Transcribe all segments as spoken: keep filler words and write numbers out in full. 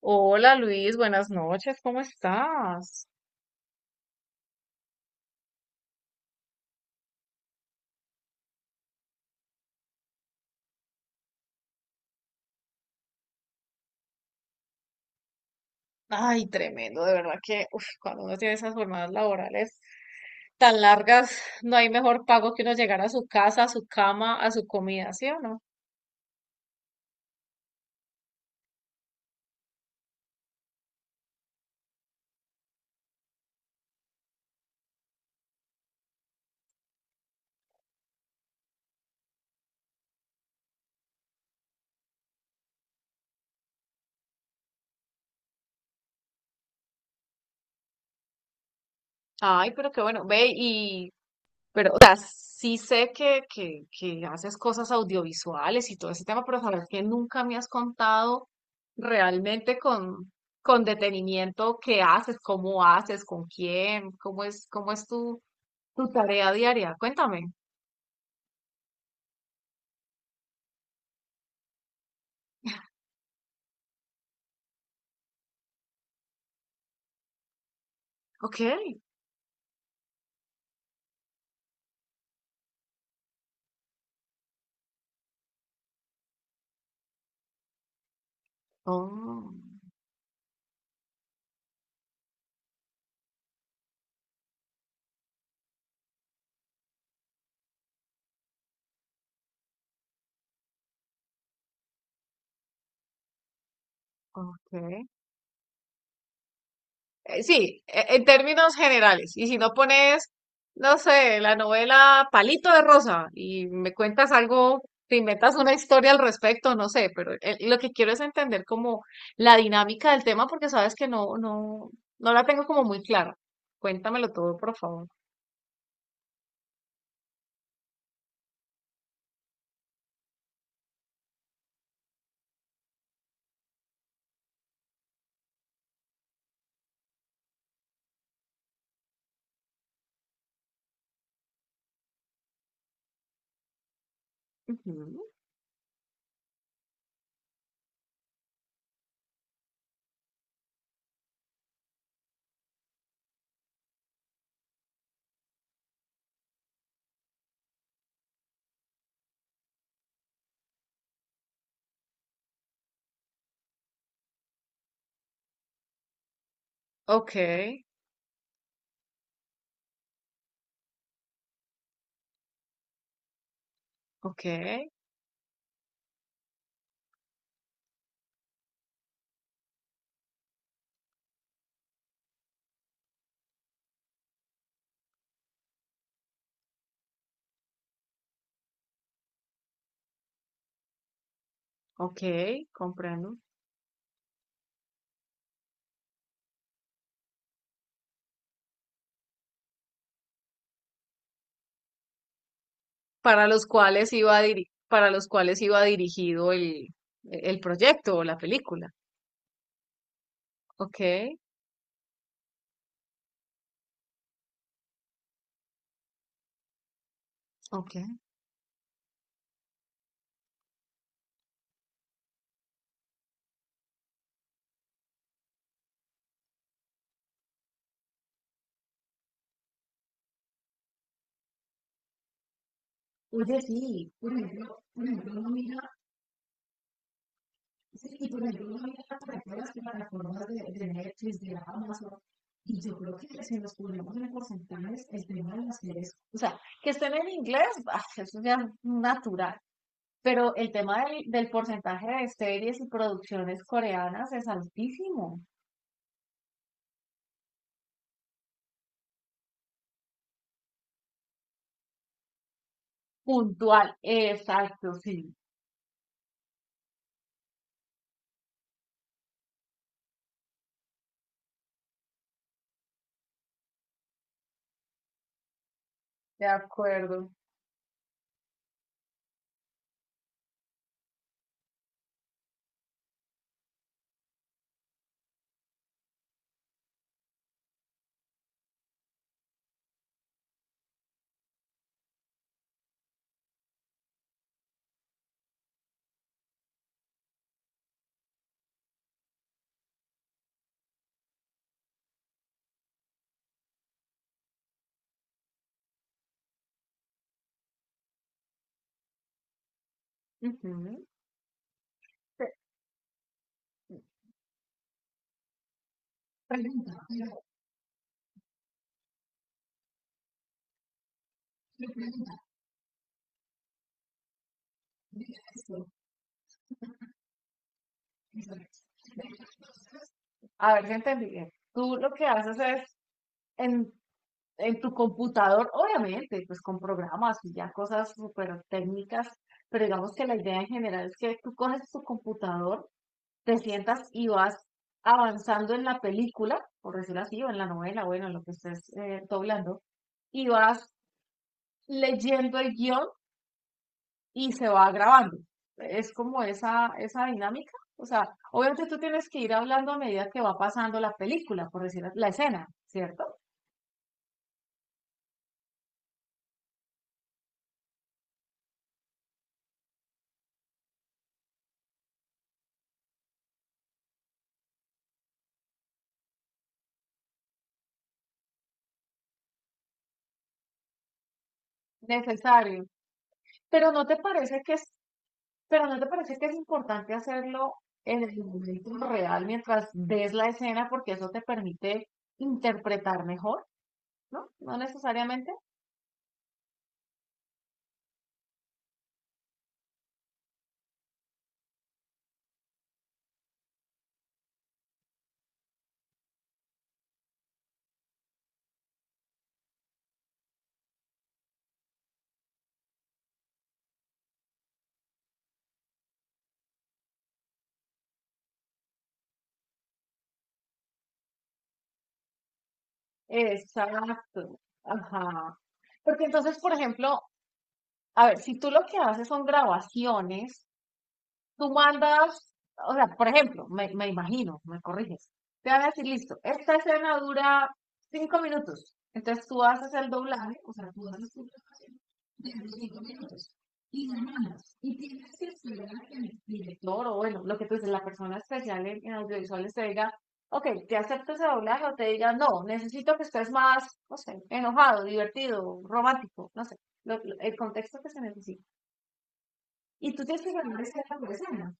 Hola Luis, buenas noches, ¿cómo estás? Ay, tremendo, de verdad que uf, cuando uno tiene esas jornadas laborales tan largas, no hay mejor pago que uno llegar a su casa, a su cama, a su comida, ¿sí o no? Ay, pero qué bueno, ve y, pero, o sea, sí sé que, que, que haces cosas audiovisuales y todo ese tema, pero saber que nunca me has contado realmente con, con detenimiento qué haces, cómo haces, con quién, cómo es, cómo es tu tu tarea diaria, cuéntame. Ok. Oh. Okay. Eh, sí, e- en términos generales. Y si no pones, no sé, la novela Palito de Rosa y me cuentas algo, te inventas una historia al respecto, no sé, pero el- lo que quiero es entender como la dinámica del tema porque sabes que no, no, no la tengo como muy clara. Cuéntamelo todo, por favor. Ujú. Ok, ok, ok, comprendo. Para los cuales iba diri- para los cuales iba dirigido el, el proyecto o la película. Ok, ok. Oye, sí, por ejemplo, por ejemplo, uno mira. Sí, y por ejemplo, uno mira para todas las plataformas de, de Netflix, de Amazon, y yo creo que si nos ponemos en porcentajes, el tema de las series, o sea, que estén en inglés, ah, eso ya es natural, pero el tema del, del porcentaje de series y producciones coreanas es altísimo. Puntual, exacto, sí. De acuerdo. Ujú. Te- Pregunta esto. A ver si entendí bien. Tú lo que haces es en, en tu computador, obviamente, pues con programas y ya cosas súper técnicas, pero digamos que la idea en general es que tú coges tu computador, te sientas y vas avanzando en la película, por decirlo así, o en la novela, bueno, en lo que estés eh, doblando, y vas leyendo el guión y se va grabando. Es como esa, esa dinámica. O sea, obviamente tú tienes que ir hablando a medida que va pasando la película, por decir la escena, ¿cierto? Necesario. Pero no te parece que es, pero no te parece que es importante hacerlo en el momento real mientras ves la escena, porque eso te permite interpretar mejor, ¿no? No necesariamente. Exacto. Ajá. Porque entonces, por ejemplo, a ver, si tú lo que haces son grabaciones tú mandas, o sea, por ejemplo, me, me imagino, me corriges, te van a decir, listo, esta escena dura cinco minutos, entonces tú haces el doblaje, o sea, tú haces tu doblaje de cinco minutos y la mandas, y tienes que esperar a que el director o bueno, lo que tú dices, la persona especial en, en audiovisuales te diga, ok, te acepto ese doblaje o te diga, no, necesito que estés más, no sé, enojado, divertido, romántico, no sé, lo- lo- el contexto que se necesita. Y tú tienes que ganar esa escena por escena.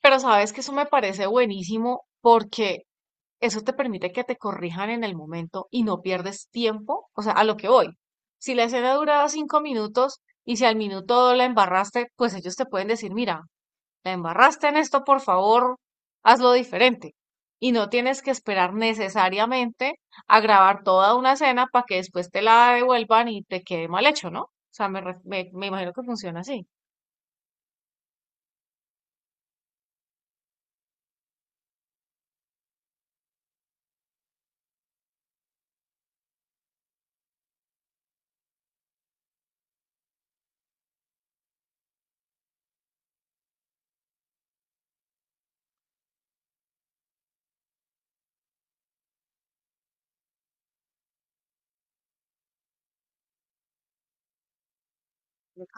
Pero sabes que eso me parece buenísimo porque eso te permite que te corrijan en el momento y no pierdes tiempo, o sea, a lo que voy. Si la escena duraba cinco minutos y si al minuto la embarraste, pues ellos te pueden decir, mira, la embarraste en esto, por favor, hazlo diferente. Y no tienes que esperar necesariamente a grabar toda una escena para que después te la devuelvan y te quede mal hecho, ¿no? O sea, me, re- me me imagino que funciona así.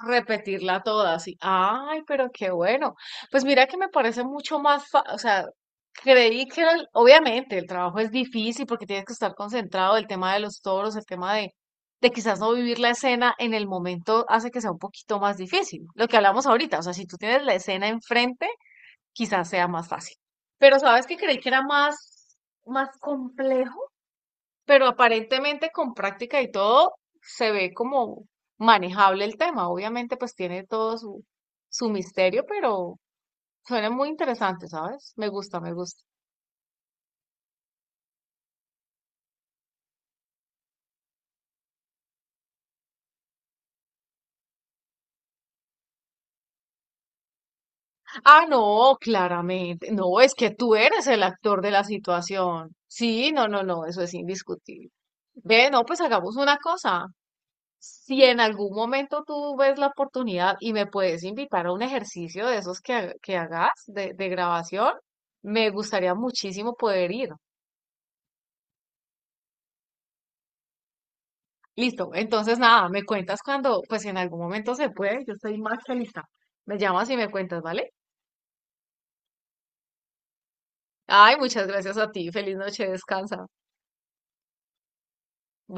Repetirla toda, así. Ay, pero qué bueno. Pues mira que me parece mucho más, fa- o sea, creí que era el- obviamente el trabajo es difícil porque tienes que estar concentrado, el tema de los toros, el tema de, de quizás no vivir la escena en el momento hace que sea un poquito más difícil. Lo que hablamos ahorita, o sea, si tú tienes la escena enfrente, quizás sea más fácil. Pero sabes que creí que era más, más complejo, pero aparentemente con práctica y todo se ve como manejable el tema. Obviamente pues tiene todo su, su misterio, pero suena muy interesante, ¿sabes? Me gusta, me gusta. Ah, no, claramente. No, es que tú eres el actor de la situación. Sí, no, no, no, eso es indiscutible. Ve, no, pues hagamos una cosa. Si en algún momento tú ves la oportunidad y me puedes invitar a un ejercicio de esos que, ha- que hagas de de grabación, me gustaría muchísimo poder ir. Listo, entonces nada, me cuentas cuando, pues en algún momento se puede, yo estoy más que lista. Me llamas y me cuentas, ¿vale? Ay, muchas gracias a ti, feliz noche, descansa.